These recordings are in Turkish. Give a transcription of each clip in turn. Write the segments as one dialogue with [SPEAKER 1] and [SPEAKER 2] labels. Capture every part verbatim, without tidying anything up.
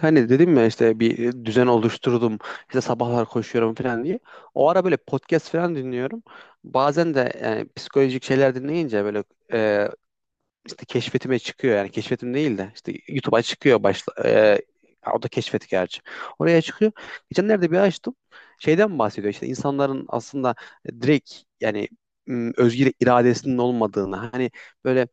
[SPEAKER 1] Hani dedim ya işte bir düzen oluşturdum. İşte sabahlar koşuyorum falan diye. O ara böyle podcast falan dinliyorum. Bazen de yani psikolojik şeyler dinleyince böyle e, işte keşfetime çıkıyor. Yani keşfetim değil de işte YouTube'a çıkıyor başla. e, o da keşfet gerçi. Oraya çıkıyor. Geçenlerde bir açtım. Şeyden bahsediyor işte insanların aslında direkt yani m, özgür iradesinin olmadığını. Hani böyle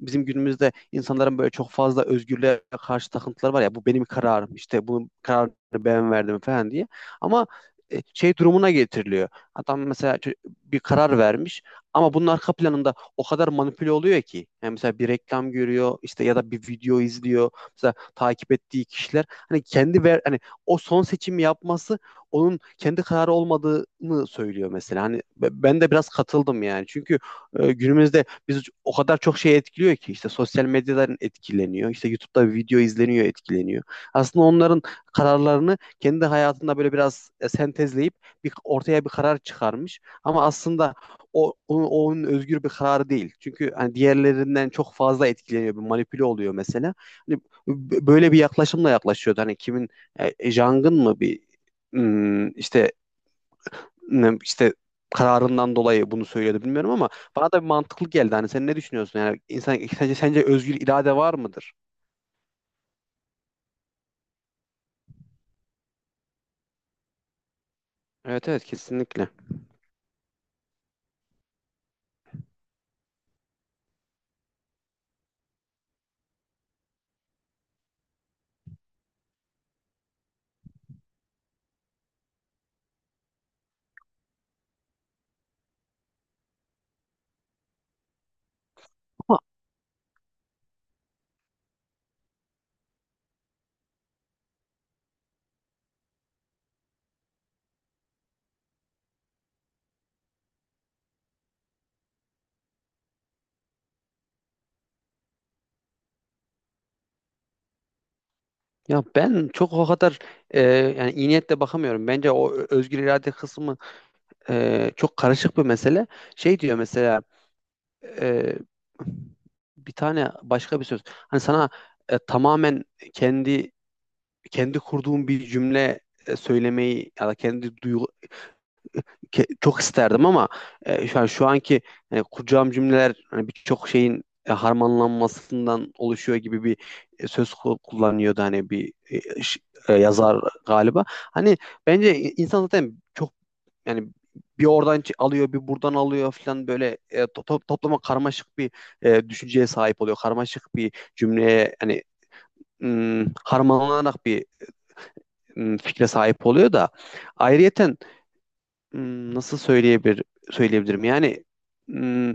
[SPEAKER 1] bizim günümüzde insanların böyle çok fazla özgürlüğe karşı takıntıları var ya, bu benim kararım, işte bu kararı ben verdim falan diye. Ama e, şey durumuna getiriliyor. Adam mesela çö- bir karar vermiş ama bunun arka planında o kadar manipüle oluyor ki. Yani mesela bir reklam görüyor işte ya da bir video izliyor. Mesela takip ettiği kişiler hani kendi ver hani o son seçimi yapması onun kendi kararı olmadığını söylüyor mesela. Hani be- ben de biraz katıldım yani. Çünkü e, günümüzde biz o kadar çok şey etkiliyor ki, işte sosyal medyadan etkileniyor. İşte YouTube'da video izleniyor, etkileniyor. Aslında onların kararlarını kendi hayatında böyle biraz e, sentezleyip bir ortaya bir karar çıkarmış. Ama aslında o onun, onun özgür bir kararı değil. Çünkü hani diğerlerinden çok fazla etkileniyor, bir manipüle oluyor mesela. Hani b- böyle bir yaklaşımla yaklaşıyordu. Hani kimin e, Jang'ın mı bir ım, işte ne- işte kararından dolayı bunu söylüyordu bilmiyorum ama bana da bir mantıklı geldi. Hani sen ne düşünüyorsun? Yani insan sence, sence özgür irade var mıdır? Evet evet, kesinlikle. Ama ya ben çok o kadar e, yani iyi niyetle bakamıyorum. Bence o ö- özgür irade kısmı e, çok karışık bir mesele. Şey diyor mesela, e, bir tane başka bir söz. Hani sana e, tamamen kendi kendi kurduğun bir cümle e, söylemeyi ya da kendi duygu- ke- çok isterdim ama e, şu an şu anki e, kuracağım cümleler hani birçok şeyin e, harmanlanmasından oluşuyor gibi bir e, söz ku- kullanıyordu hani bir e, ş- e, yazar galiba. Hani bence insan zaten çok yani bir oradan ç- alıyor, bir buradan alıyor falan, böyle e, to- to- toplama karmaşık bir e, düşünceye sahip oluyor. Karmaşık bir cümleye hani mm, harmanlanarak bir mm, fikre sahip oluyor da ayrıyeten, Hmm, nasıl söyleyebilir söyleyebilirim? Yani hmm,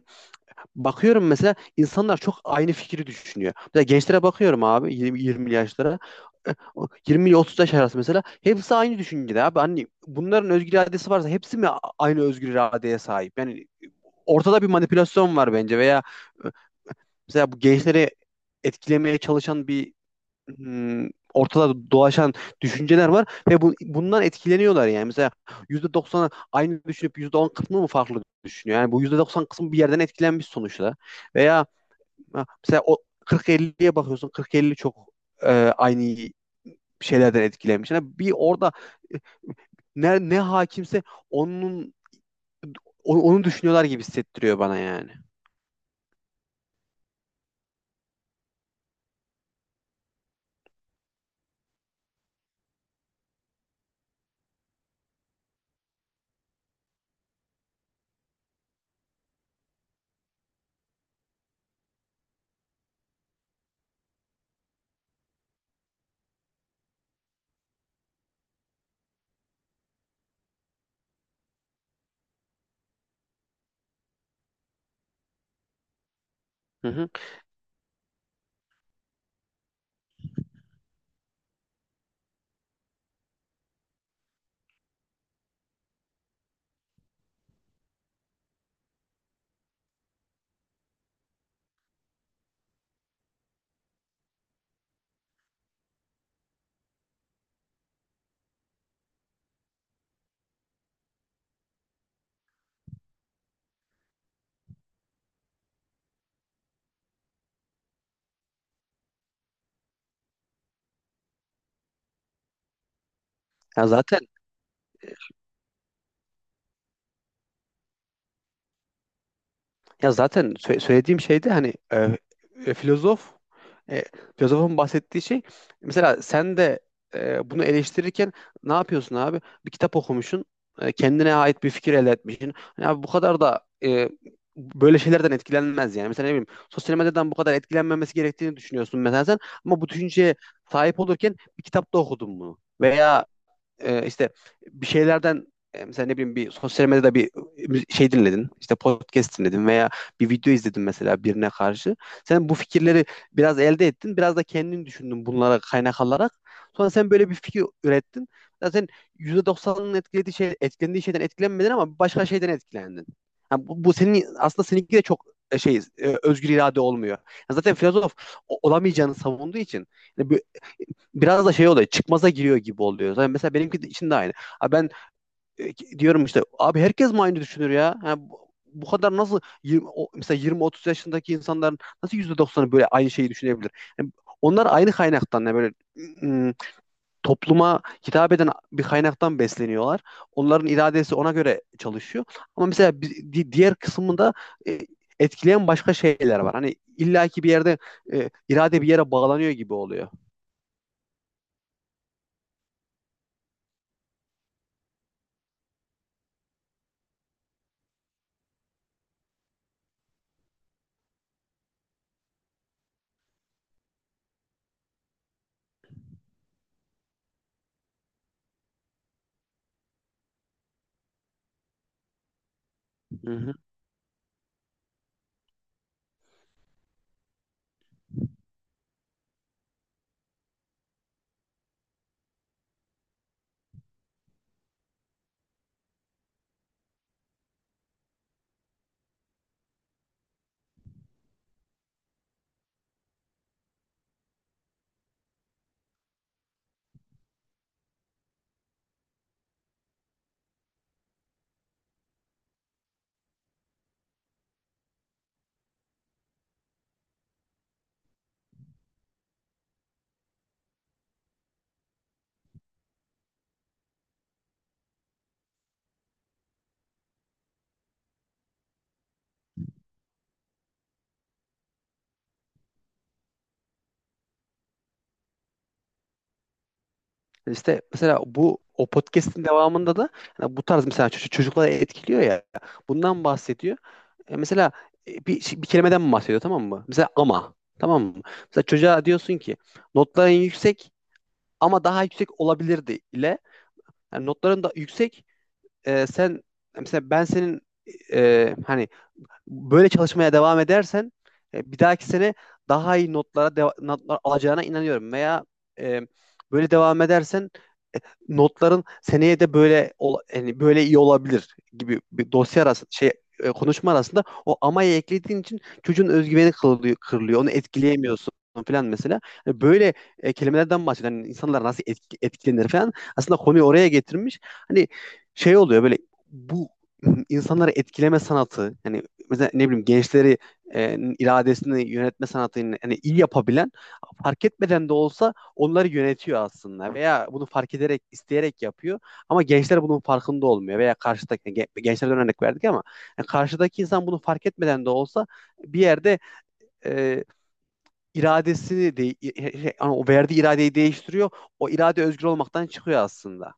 [SPEAKER 1] bakıyorum mesela insanlar çok aynı fikri düşünüyor. Mesela gençlere bakıyorum abi, yirmi, yirmi yaşlara. E, o yirmi ile otuz yaş arası mesela hepsi aynı düşüncede abi. Hani bunların özgür iradesi varsa hepsi mi a- aynı özgür iradeye sahip? Yani ortada bir manipülasyon var bence veya e, mesela bu gençleri etkilemeye çalışan bir hmm, ortada dolaşan düşünceler var ve bu, bundan etkileniyorlar yani. Mesela yüzde doksan aynı düşünüp yüzde on kısmı mı farklı düşünüyor? Yani bu yüzde doksan kısmı bir yerden etkilenmiş sonuçta. Veya ha, mesela o kırk elliye bakıyorsun. kırk elli çok e, aynı şeylerden etkilenmiş. Yani bir orada ne, ne hakimse onun onu, onu düşünüyorlar gibi hissettiriyor bana yani. Hı hı. Ya zaten Ya zaten sö- söylediğim şey de hani e, e, filozof e, filozofun bahsettiği şey, mesela sen de e, bunu eleştirirken ne yapıyorsun abi? Bir kitap okumuşsun. e, kendine ait bir fikir elde etmişsin. Hani abi bu kadar da e, böyle şeylerden etkilenmez yani. Mesela ne bileyim sosyal medyadan bu kadar etkilenmemesi gerektiğini düşünüyorsun mesela sen, ama bu düşünceye sahip olurken bir kitapta okudun bunu. Veya e, işte bir şeylerden, e, mesela ne bileyim bir sosyal medyada bir şey dinledin, işte podcast dinledin veya bir video izledin mesela birine karşı. Sen bu fikirleri biraz elde ettin, biraz da kendin düşündün bunlara kaynak alarak. Sonra sen böyle bir fikir ürettin. Zaten yüzde doksanının etkilediği şey, etkilendiği şeyden etkilenmedin ama başka şeyden etkilendin. Yani bu, bu senin aslında seninki de çok e, şey e, özgür irade olmuyor. Yani zaten filozof o- olamayacağını savunduğu için yani bu biraz da şey oluyor, çıkmaza giriyor gibi oluyor. Yani mesela benimki de- için de aynı. Abi ben e, diyorum işte abi herkes mi aynı düşünür ya? Ha, bu, bu kadar nasıl yirmi, o- mesela yirmi otuz yaşındaki insanların nasıl yüzde doksanı böyle aynı şeyi düşünebilir? Yani onlar aynı kaynaktan, yani böyle ım, topluma hitap eden bir kaynaktan besleniyorlar. Onların iradesi ona göre çalışıyor. Ama mesela bi- di- diğer kısmında e, etkileyen başka şeyler var. Hani illaki bir yerde e, irade bir yere bağlanıyor gibi oluyor. Hı hı. İşte mesela bu o podcast'in devamında da hani bu tarz mesela ço- çocukları etkiliyor ya. Bundan bahsediyor. E, mesela e, bir, şey- bir kelimeden bahsediyor, tamam mı? Mesela ama tamam mı? Mesela çocuğa diyorsun ki notların yüksek ama daha yüksek olabilirdi ile yani notların da yüksek e, sen mesela ben senin e, hani böyle çalışmaya devam edersen e, bir dahaki sene daha iyi notlara deva- notlar alacağına inanıyorum veya e, böyle devam edersen notların seneye de böyle ol- yani böyle iyi olabilir gibi bir dosya arası şey, e, konuşma arasında o amayı eklediğin için çocuğun özgüveni kırılıyor, kırılıyor. Onu etkileyemiyorsun falan mesela. Hani böyle e, kelimelerden bahsediyor. Hani insanlar nasıl etki- etkilenir falan. Aslında konuyu oraya getirmiş. Hani şey oluyor, böyle bu insanları etkileme sanatı yani, mesela ne bileyim gençleri e, iradesini yönetme sanatını yani iyi yapabilen, fark etmeden de olsa onları yönetiyor aslında, veya bunu fark ederek isteyerek yapıyor ama gençler bunun farkında olmuyor, veya karşıdaki gen- gençlerden örnek verdik ama yani karşıdaki insan bunu fark etmeden de olsa bir yerde e, iradesini de şey, hani o verdiği iradeyi değiştiriyor. O irade özgür olmaktan çıkıyor aslında.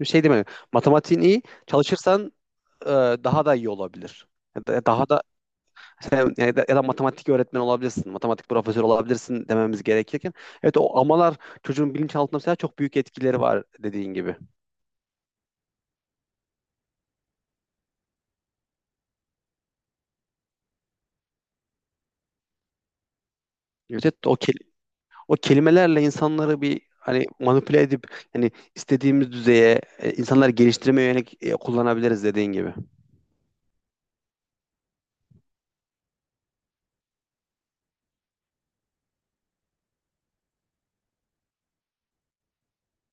[SPEAKER 1] Bir şey demek. Matematiğin iyi, çalışırsan e, daha da iyi olabilir. Da- Daha da Sen, ya da, ya da matematik öğretmeni olabilirsin, matematik profesörü olabilirsin dememiz gerekirken. Evet o amalar çocuğun bilinçaltında mesela çok büyük etkileri var, dediğin gibi. Evet evet, o, kel- o kelimelerle insanları bir hani manipüle edip hani istediğimiz düzeye e, insanları geliştirmeye yönelik e, kullanabiliriz, dediğin gibi.